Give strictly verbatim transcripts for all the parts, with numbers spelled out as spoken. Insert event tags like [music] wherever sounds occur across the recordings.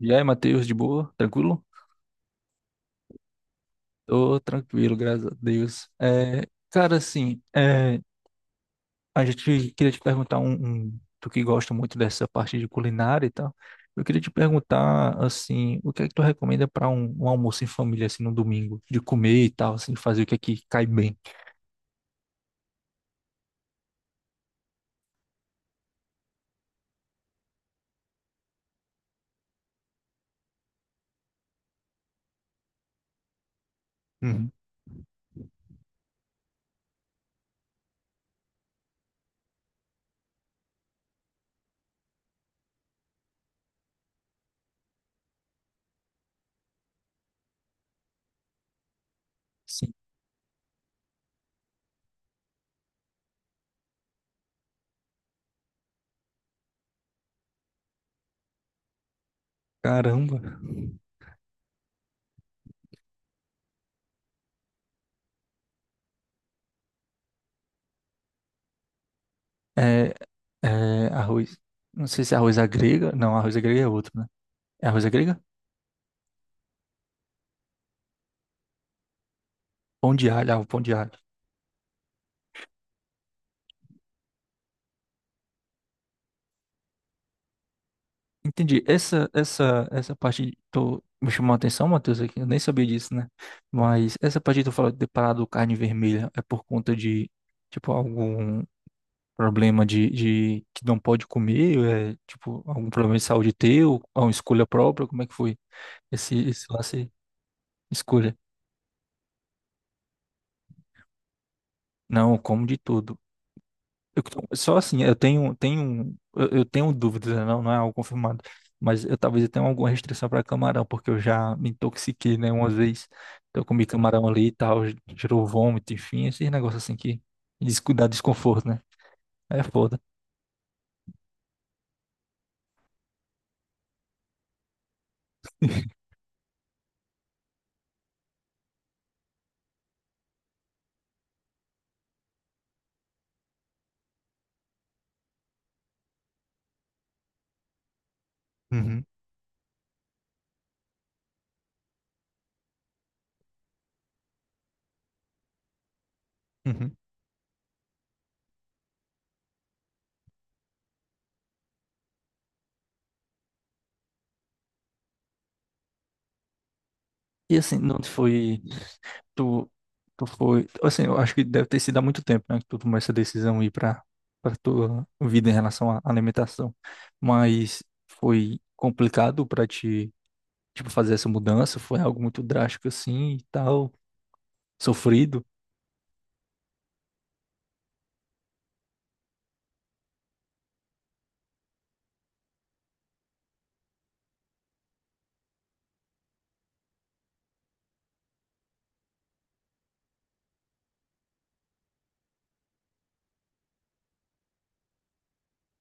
E aí, Matheus, de boa? Tranquilo? Tô tranquilo, graças a Deus. É, cara, assim, é, a gente queria te perguntar um, um- tu que gosta muito dessa parte de culinária e tal. Eu queria te perguntar, assim, o que é que tu recomenda para um, um almoço em família, assim, no domingo, de comer e tal, assim, fazer o que é que cai bem? Hum. Sim, caramba. É, é, arroz. Não sei se é arroz à grega. Não, arroz à grega é outro, né? É arroz à grega? Pão de alho, ah, o pão de alho. Entendi. Essa, essa, essa parte tô, me chamou a atenção, Matheus, aqui. Eu nem sabia disso, né? Mas essa parte que tu falou de ter parado carne vermelha é por conta de, tipo, algum problema de, de que não pode comer? É, tipo, algum problema de saúde teu? Ou uma escolha própria? Como é que foi esse, esse lance? Escolha. Não, eu como de tudo. Eu tô- só assim, eu tenho, tenho, eu eu tenho dúvidas, né? não, não é algo confirmado, mas eu talvez eu tenha alguma restrição para camarão, porque eu já me intoxiquei, né, uma vez. Então, eu comi camarão ali e tal, gerou vômito, enfim, esses negócios assim que des- dá desconforto, né? Aí é foda. Uhum, uhum. E assim, não foi, tu, tu foi, assim, eu acho que deve ter sido há muito tempo, né, que tu tomou essa decisão aí para para tua vida em relação à alimentação, mas foi complicado para ti, tipo, fazer essa mudança foi algo muito drástico assim e tal, sofrido.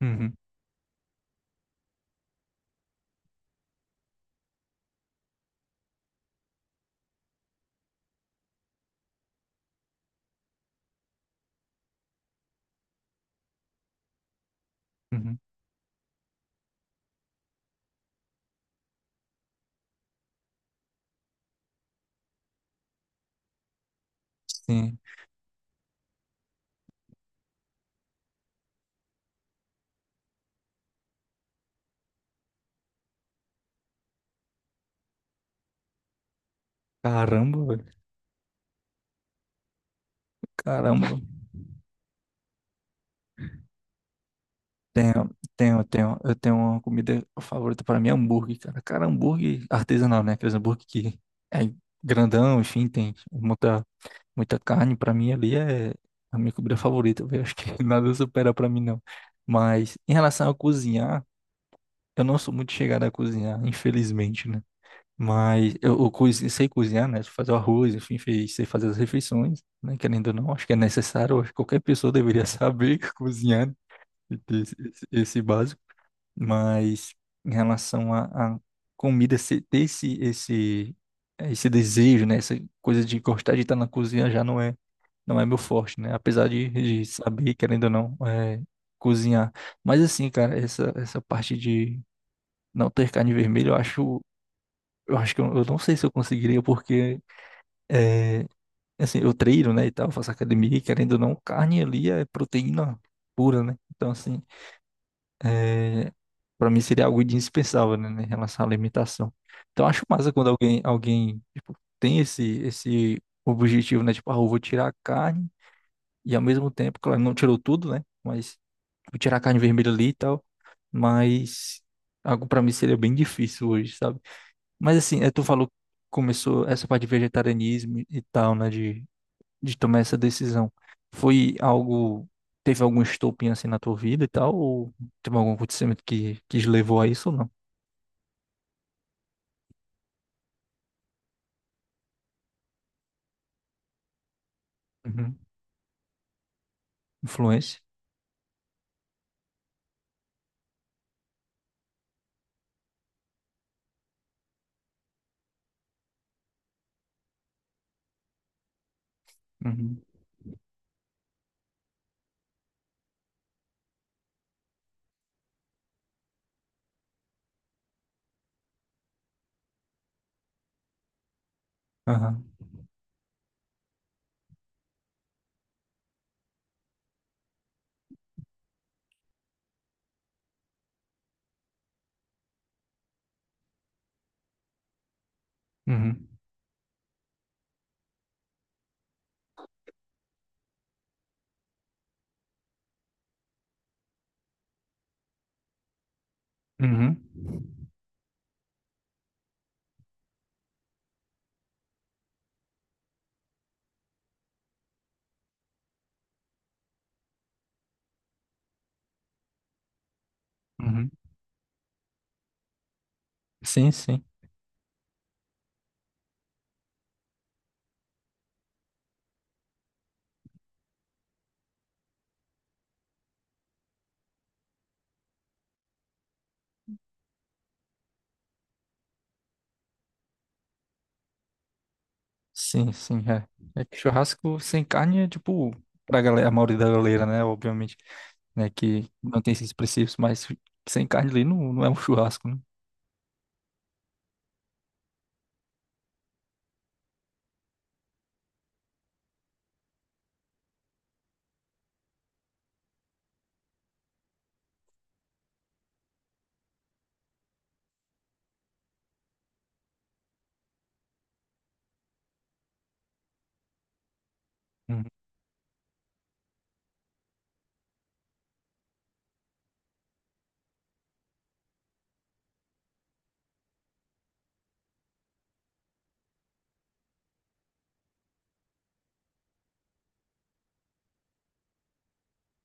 Uhum, uhum. Sim. Caramba, velho. Caramba. Tenho, tenho, tenho, eu tenho uma comida favorita. Para mim, é hambúrguer, cara. Cara, hambúrguer artesanal, né? Aqueles hambúrguer que é grandão, enfim, tem muita, muita carne. Para mim ali é a minha comida favorita, velho. Acho que [laughs] nada supera para mim, não. Mas em relação a cozinhar, eu não sou muito chegado a cozinhar, infelizmente, né? Mas eu, eu cozi- sei cozinhar, né? Fazer o arroz, enfim, fez- sei fazer as refeições, né? Querendo ou não, acho que é necessário, acho que qualquer pessoa deveria [laughs] saber cozinhar e ter esse, esse- esse básico. Mas em relação à à comida, se- ter esse, esse, esse desejo, né? Essa coisa de gostar de estar na cozinha já não é, não é meu forte, né? Apesar de, de saber, querendo ou não, é, cozinhar. Mas assim, cara, essa, essa parte de não ter carne vermelha, eu acho. Eu acho que eu, eu não sei se eu conseguiria, porque é, assim, eu treino, né, e tal, faço academia, e querendo ou não, carne ali é proteína pura, né? Então, assim, é, para mim seria algo indispensável, né, em relação à alimentação. Então, eu acho massa quando alguém, alguém, tipo, tem esse, esse objetivo, né? Tipo, ah, eu vou tirar a carne, e ao mesmo tempo, claro, não tirou tudo, né? Mas vou tirar a carne vermelha ali e tal, mas algo para mim seria bem difícil hoje, sabe? Mas assim, é, tu falou que começou essa parte de vegetarianismo e tal, né? De, de tomar essa decisão. Foi algo. Teve algum estopim assim na tua vida e tal? Ou teve algum acontecimento que, que te levou a isso ou não? Uhum. Influência? Uhum. Aham. Uhum. Uhum. Uhum. Sim, sim. Sim, sim. É. É que churrasco sem carne é tipo. Pra galera, a maioria da galera, né? Obviamente, né? Que não tem esses princípios, mas sem carne ali não, não é um churrasco, né?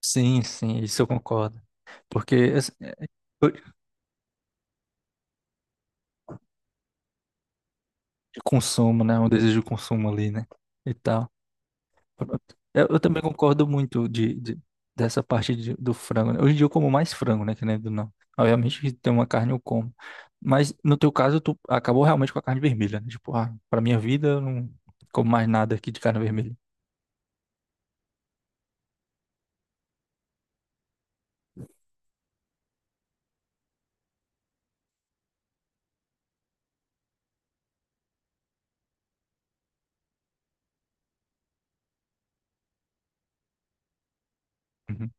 Sim, sim, isso eu concordo. Porque assim, é, eu- de consumo, né? Um desejo de consumo ali, né? E tal. Pronto. Eu, eu também concordo muito de, de- dessa parte de- do frango, né? Hoje em dia eu como mais frango, né? Que nem do não. Obviamente que tem uma carne eu como. Mas no teu caso, tu acabou realmente com a carne vermelha, né? Tipo, ah, pra minha vida eu não como mais nada aqui de carne vermelha. Uhum,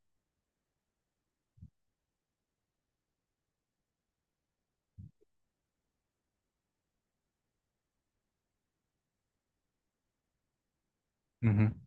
uhum.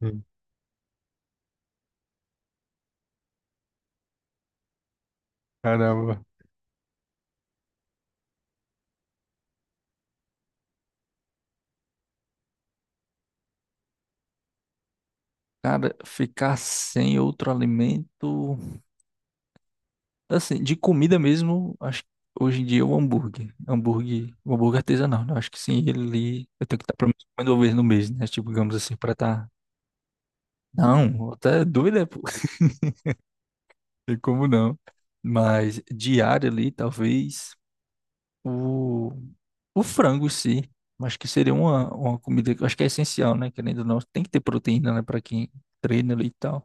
Hum, Caramba. Cara, ficar sem outro alimento. Assim, de comida mesmo, acho que hoje em dia é o hambúrguer. Hambúrguer, o hambúrguer artesanal, né? Acho que sim, ele eu tenho que estar pelo menos comendo uma vez no mês, né? Tipo, digamos assim, pra estar. Não, até doido, é, pô. [laughs] Tem como não. Mas diário ali, talvez o, o frango em si. Acho que seria uma, uma comida que eu acho que é essencial, né? Querendo ou não, tem que ter proteína, né? Pra quem treina ali e tal.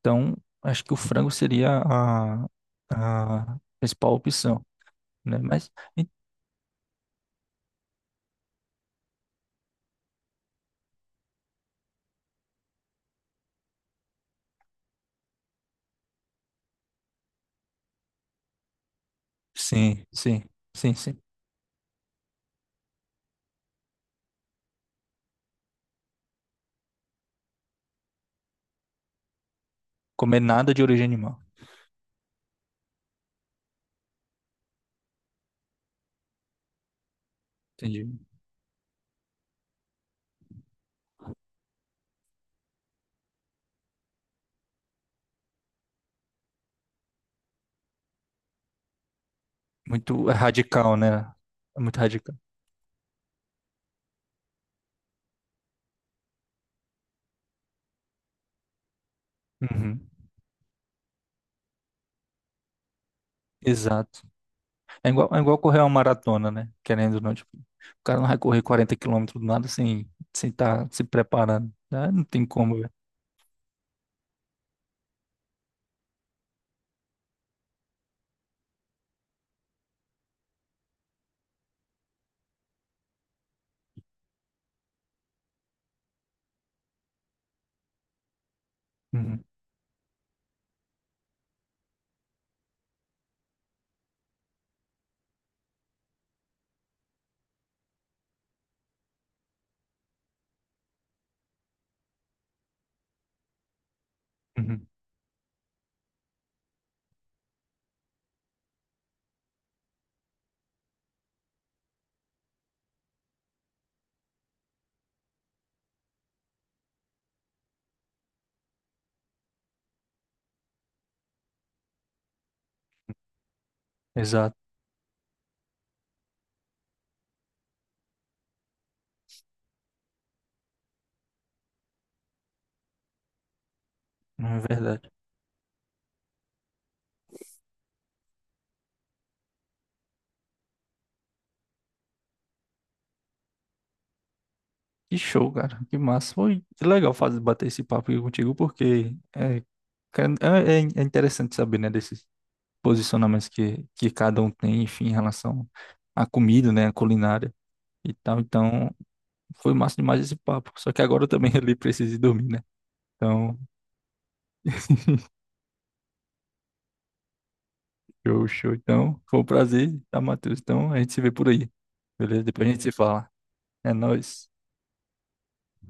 Então, acho que o frango seria a, a principal opção, né? Mas. Sim, sim, sim, sim. Comer nada de origem animal. Entendi. Muito radical, né? É muito radical. Uhum. Exato. É igual, é igual correr uma maratona, né? Querendo ou não, tipo, o cara não vai correr quarenta quilômetros do nada sem sem estar se preparando, né? Não tem como, velho. Uhum, uhum. Exato. É verdade. Que show, cara. Que massa. Foi legal fazer, bater esse papo aqui contigo, porque é, cara, é, é é interessante saber, né, desses posicionamentos que, que cada um tem, enfim, em relação à comida, né, à culinária e tal. Então, foi massa demais esse papo. Só que agora eu também [laughs] ali preciso ir dormir, né? Então, show, show. Então, foi um prazer, tá, Matheus? Então, a gente se vê por aí, beleza? Depois a gente se fala. É nóis.